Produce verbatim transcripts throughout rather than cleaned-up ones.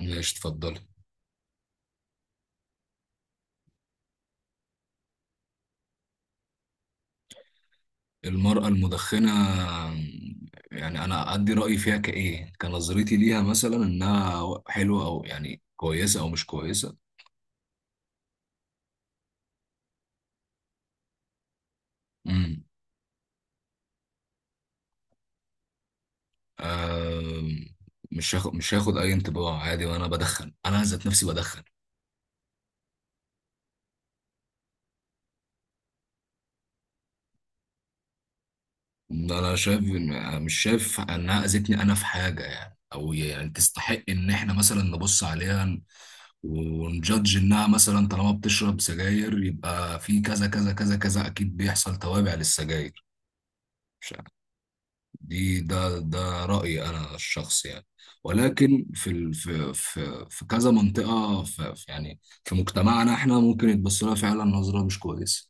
ماشي، اتفضلي. المرأة المدخنة؟ يعني أنا أدي رأيي فيها كإيه، كنظرتي ليها مثلا إنها حلوة أو يعني كويسة أو مش كويسة؟ امم آم، مش هاخد مش هاخد أي انطباع، عادي. وأنا بدخن، أنا ذات نفسي بدخن. أنا شايف إن- مش شايف إنها أذتني أنا في حاجة يعني، أو يعني تستحق إن إحنا مثلا نبص عليها ونجادج انها مثلا طالما بتشرب سجاير يبقى في كذا كذا كذا كذا، اكيد بيحصل توابع للسجاير. مش عارف. دي ده ده رأيي أنا الشخصي يعني. ولكن في ال... في في في كذا منطقة، في في- يعني في مجتمعنا احنا ممكن يتبص لها فعلا نظرة مش كويسة.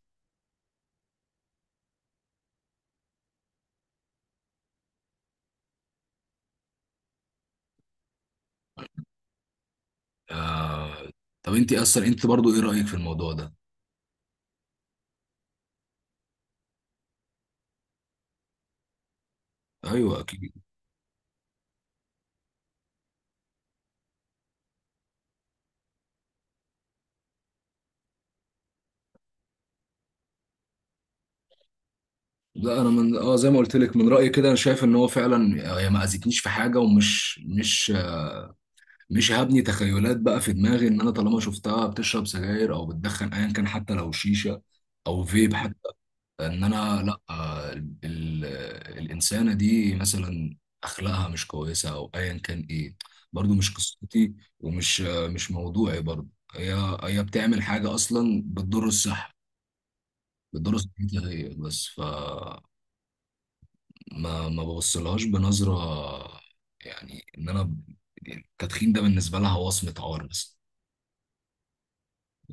آه... طب انت اصلا انت برضو ايه رأيك في الموضوع ده؟ ايوه اكيد. لا انا من اه زي ما قلت لك، من رأيي كده انا شايف ان هو فعلا هي ما اذتنيش في حاجة. ومش مش مش هبني تخيلات بقى في دماغي ان انا طالما شفتها بتشرب سجاير او بتدخن ايا كان، حتى لو شيشة او فيب، ان انا لا. آه، ال- ال- الانسانه دي مثلا اخلاقها مش كويسه او ايا كان ايه، برضو مش قصتي. ومش آه، مش موضوعي برضو. هي هي بتعمل حاجه اصلا بتضر الصحه، بتضر صحتها هي بس. ف ما ما ببصلهاش بنظره. يعني ان انا ب- يعني التدخين ده بالنسبه لها وصمه عار بس.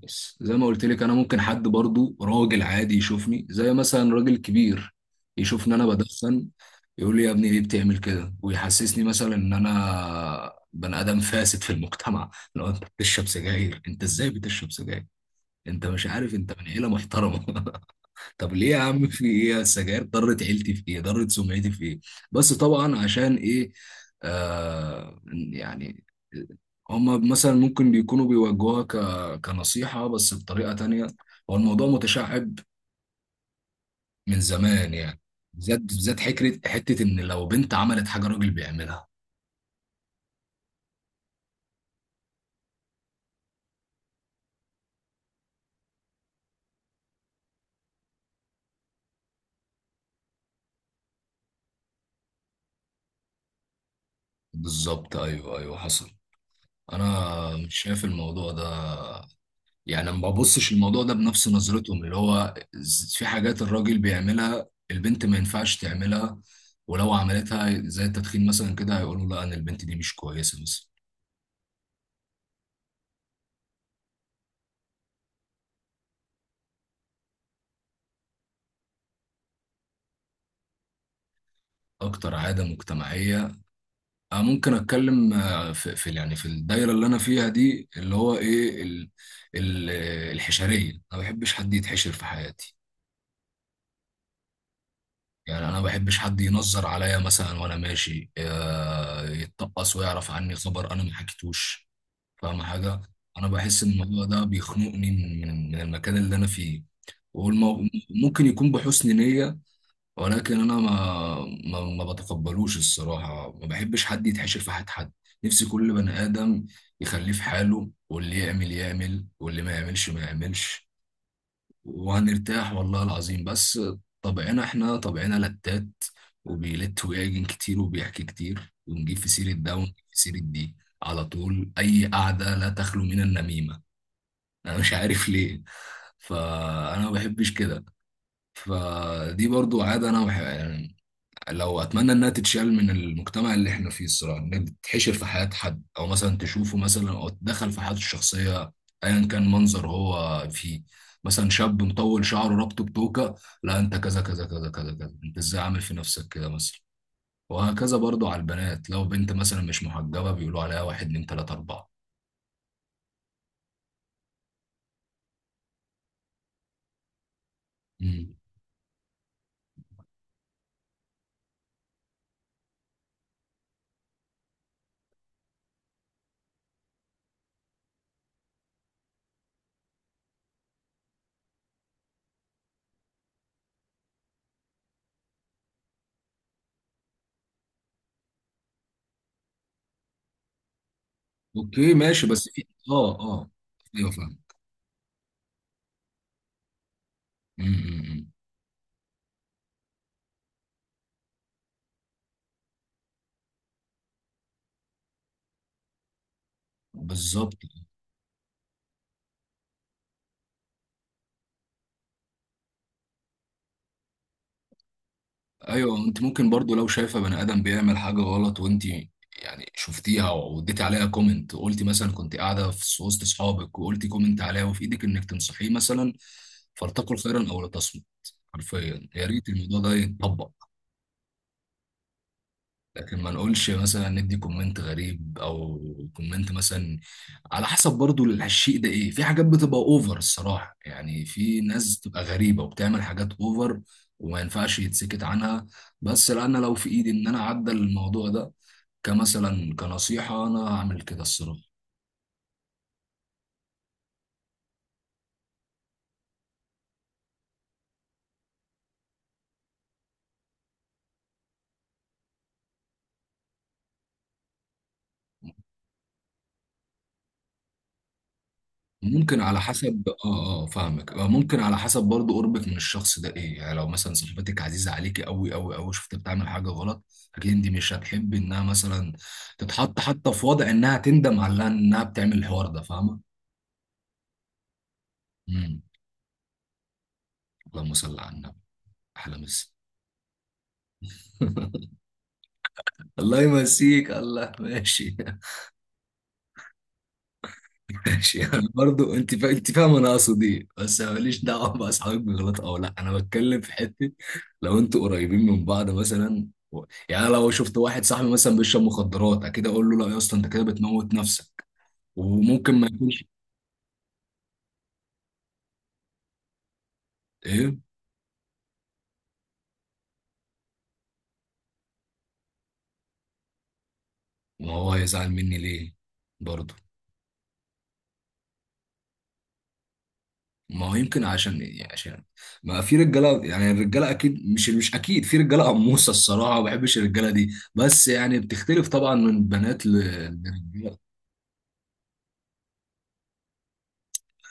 بص، زي ما قلت لك، انا ممكن حد برضو راجل عادي يشوفني، زي مثلا راجل كبير يشوفني انا بدخن، يقول لي يا ابني ليه بتعمل كده، ويحسسني مثلا ان انا بني ادم فاسد في المجتمع. لو انت بتشرب سجاير، انت ازاي بتشرب سجاير؟ انت مش عارف انت من عيله محترمه؟ طب ليه يا عم؟ في ايه؟ السجاير ضرت عيلتي في ايه؟ ضرت سمعتي في ايه؟ بس طبعا عشان ايه؟ آه يعني هما مثلا ممكن بيكونوا بيوجهوها ك- كنصيحة، بس بطريقة تانية. هو الموضوع متشعب من زمان يعني، بالذات بالذات حكرة حتة إن لو بنت عملت حاجة راجل بيعملها. بالظبط، أيوه أيوه حصل. أنا مش شايف الموضوع ده، يعني ما ببصش الموضوع ده بنفس نظرتهم اللي هو ز- في حاجات الراجل بيعملها البنت ما ينفعش تعملها، ولو عملتها زي التدخين مثلا كده هيقولوا لا انا البنت دي مش كويسه مثلا. اكتر عاده مجتمعيه؟ أنا ممكن اتكلم آه، في, في يعني في الدايره اللي انا فيها دي اللي هو ايه، ال ال الحشريه. انا ما بحبش حد يتحشر في حياتي. يعني انا ما بحبش حد ينظر عليا مثلا وانا ماشي آه، يتطقص ويعرف عني خبر انا ما حكيتوش. فاهم حاجة؟ أنا بحس إن هو ده بيخنقني من من من المكان اللي أنا فيه. والمو... ممكن يكون بحسن نية، ولكن أنا ما ما, ما بتقبلوش الصراحة. ما بحبش حد يتحشر في حد حد. نفسي كل بني آدم يخليه في حاله، واللي يعمل يعمل واللي ما يعملش ما يعملش، وهنرتاح والله العظيم بس. طبعنا احنا طبعنا لتات، وبيلت ويعجن كتير، وبيحكي كتير، ونجيب في سيرة ده ونجيب في سيرة دي على طول. أي قعدة لا تخلو من النميمة، أنا مش عارف ليه. فأنا ما بحبش كده. فدي برضو عادة أنا بحب لو اتمنى انها تتشال من المجتمع اللي احنا فيه الصراحه، انها تتحشر في حياه حد، او مثلا تشوفه مثلا او تدخل في حياته الشخصيه ايا كان منظر هو فيه. مثلا شاب مطول شعره رابطه بتوكه، لا انت كذا كذا كذا كذا كذا، انت ازاي عامل في نفسك كده مثلا. وهكذا برضو على البنات، لو بنت مثلا مش محجبه بيقولوا عليها واحد اتنين تلاته اربعه. امم. اوكي ماشي. بس في اه اه ايوه فاهم. امم أمم، أمم. بالظبط. ايوه انت ممكن برضو لو شايفه بني ادم بيعمل حاجه غلط وانت يعني شفتيها واديتي عليها كومنت، وقلتي مثلا كنت قاعده في وسط اصحابك وقلتي كومنت عليها، وفي ايدك انك تنصحيه مثلا. فلتقل خيرا او لتصمت. حرفيا يا ريت الموضوع ده يتطبق. لكن ما نقولش مثلا ندي كومنت غريب او كومنت مثلا، على حسب برضو الشيء ده ايه. في حاجات بتبقى اوفر الصراحة، يعني في ناس بتبقى غريبة وبتعمل حاجات اوفر، وما ينفعش يتسكت عنها. بس لا، انا لو في ايدي ان انا اعدل الموضوع ده كمثلا كنصيحة، انا هعمل كده الصراحة. ممكن على حسب اه اه فاهمك. آه، ممكن على حسب برضو قربك من الشخص ده ايه. يعني لو مثلا صاحبتك عزيزة عليكي قوي قوي قوي، شفت بتعمل حاجة غلط، اكيد انت مش هتحبي انها مثلا تتحط حتى في وضع انها تندم على انها بتعمل الحوار ده، فاهمة؟ امم. اللهم صل على النبي. احلى مسا. الله يمسيك. الله، ماشي. ماشي. يعني برضو انت فا... انت فاهم انا اقصد ايه. بس أنا ماليش دعوه باصحابك بيغلطوا او لا، انا بتكلم في حته. لو انتوا قريبين من بعض مثلا و- يعني لو شفت واحد صاحبي مثلا بيشرب مخدرات اكيد اقول له لا يا اسطى انت كده بتموت نفسك. وممكن ما يكونش ايه. ما هو هيزعل مني ليه برضو؟ ما هو يمكن عشان ايه يعني، عشان ما في رجاله، يعني الرجاله اكيد مش مش اكيد في رجاله قموصه الصراحه، ما بحبش الرجاله دي. بس يعني بتختلف طبعا من بنات ل- لرجاله.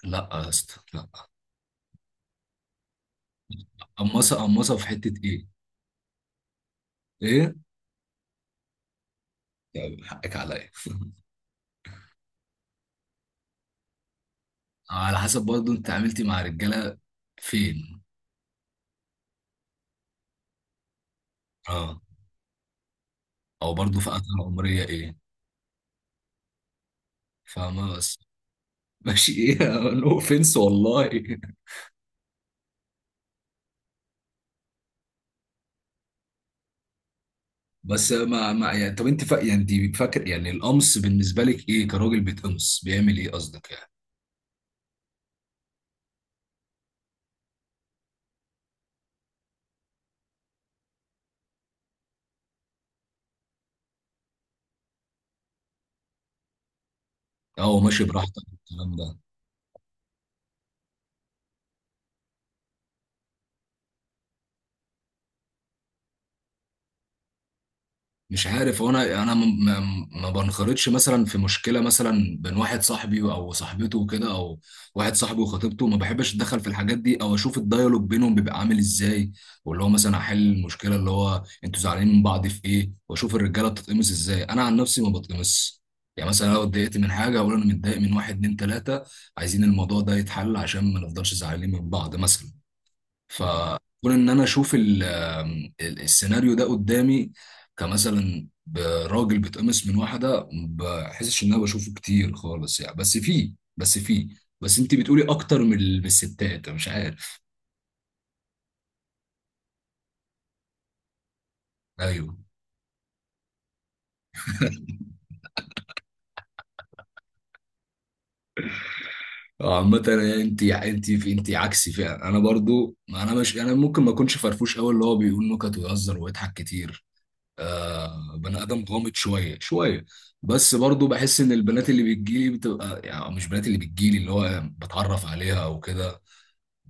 لا يا اسطى لا. قمصه قمصه في حته ايه؟ ايه يعني؟ حقك عليا. على حسب برضو انت عملتي مع رجاله فين؟ اه، او برضو في فتره عمريه ايه؟ فاهمه؟ بس ماشي. ايه، نو اوفنس والله. بس ما ما يعني، طب انت فا... يعني انت فاكر يعني القمص بالنسبه لك ايه، كراجل بيتقمص بيعمل ايه قصدك يعني؟ اه، هو ماشي، براحتك الكلام ده. مش عارف، هو انا انا م- م- ما بنخرطش مثلا في مشكله مثلا بين واحد صاحبي او صاحبته وكده، او واحد صاحبي وخطيبته. ما بحبش اتدخل في الحاجات دي، او اشوف الدايالوج بينهم بيبقى عامل ازاي واللي هو مثلا احل المشكله اللي هو انتوا زعلانين من بعض في ايه، واشوف الرجاله بتتقمص ازاي. انا عن نفسي ما بتقمص. يعني مثلا لو اتضايقت من حاجه اقول انا متضايق من واحد اتنين تلاته، عايزين الموضوع ده يتحل عشان ما نفضلش زعلانين من بعض مثلا. فكون ان انا اشوف ال- ال- السيناريو ده قدامي، كمثلا ب- راجل بيتقمص من واحده، ما بحسش ان انا بشوفه كتير خالص يعني. بس فيه، بس فيه. بس انت بتقولي اكتر من ال- من الستات، أنا مش عارف. ايوه. آه، عامة أنا- انت انت في انت عكسي فعلا. انا برضو ما انا مش انا ممكن ما اكونش فرفوش قوي اللي هو بيقول نكت ويهزر ويضحك كتير. آه، بني ادم غامض شويه شويه. بس برضو بحس ان البنات اللي بتجيلي بتبقى يعني، أو مش بنات اللي بتجيلي، اللي هو بتعرف عليها او كده،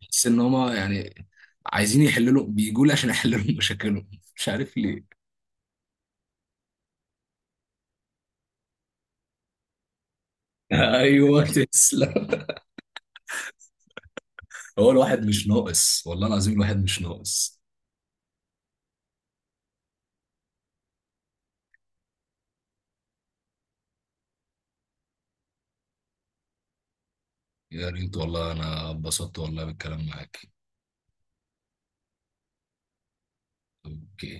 بحس ان هما يعني عايزين يحللوا، بيجوا لي عشان احللهم مشاكلهم. مش عارف ليه. ايوه تسلم. هو الواحد مش ناقص والله العظيم، الواحد مش ناقص. يا ريت والله، انا اتبسطت والله بالكلام معاك. اوكي.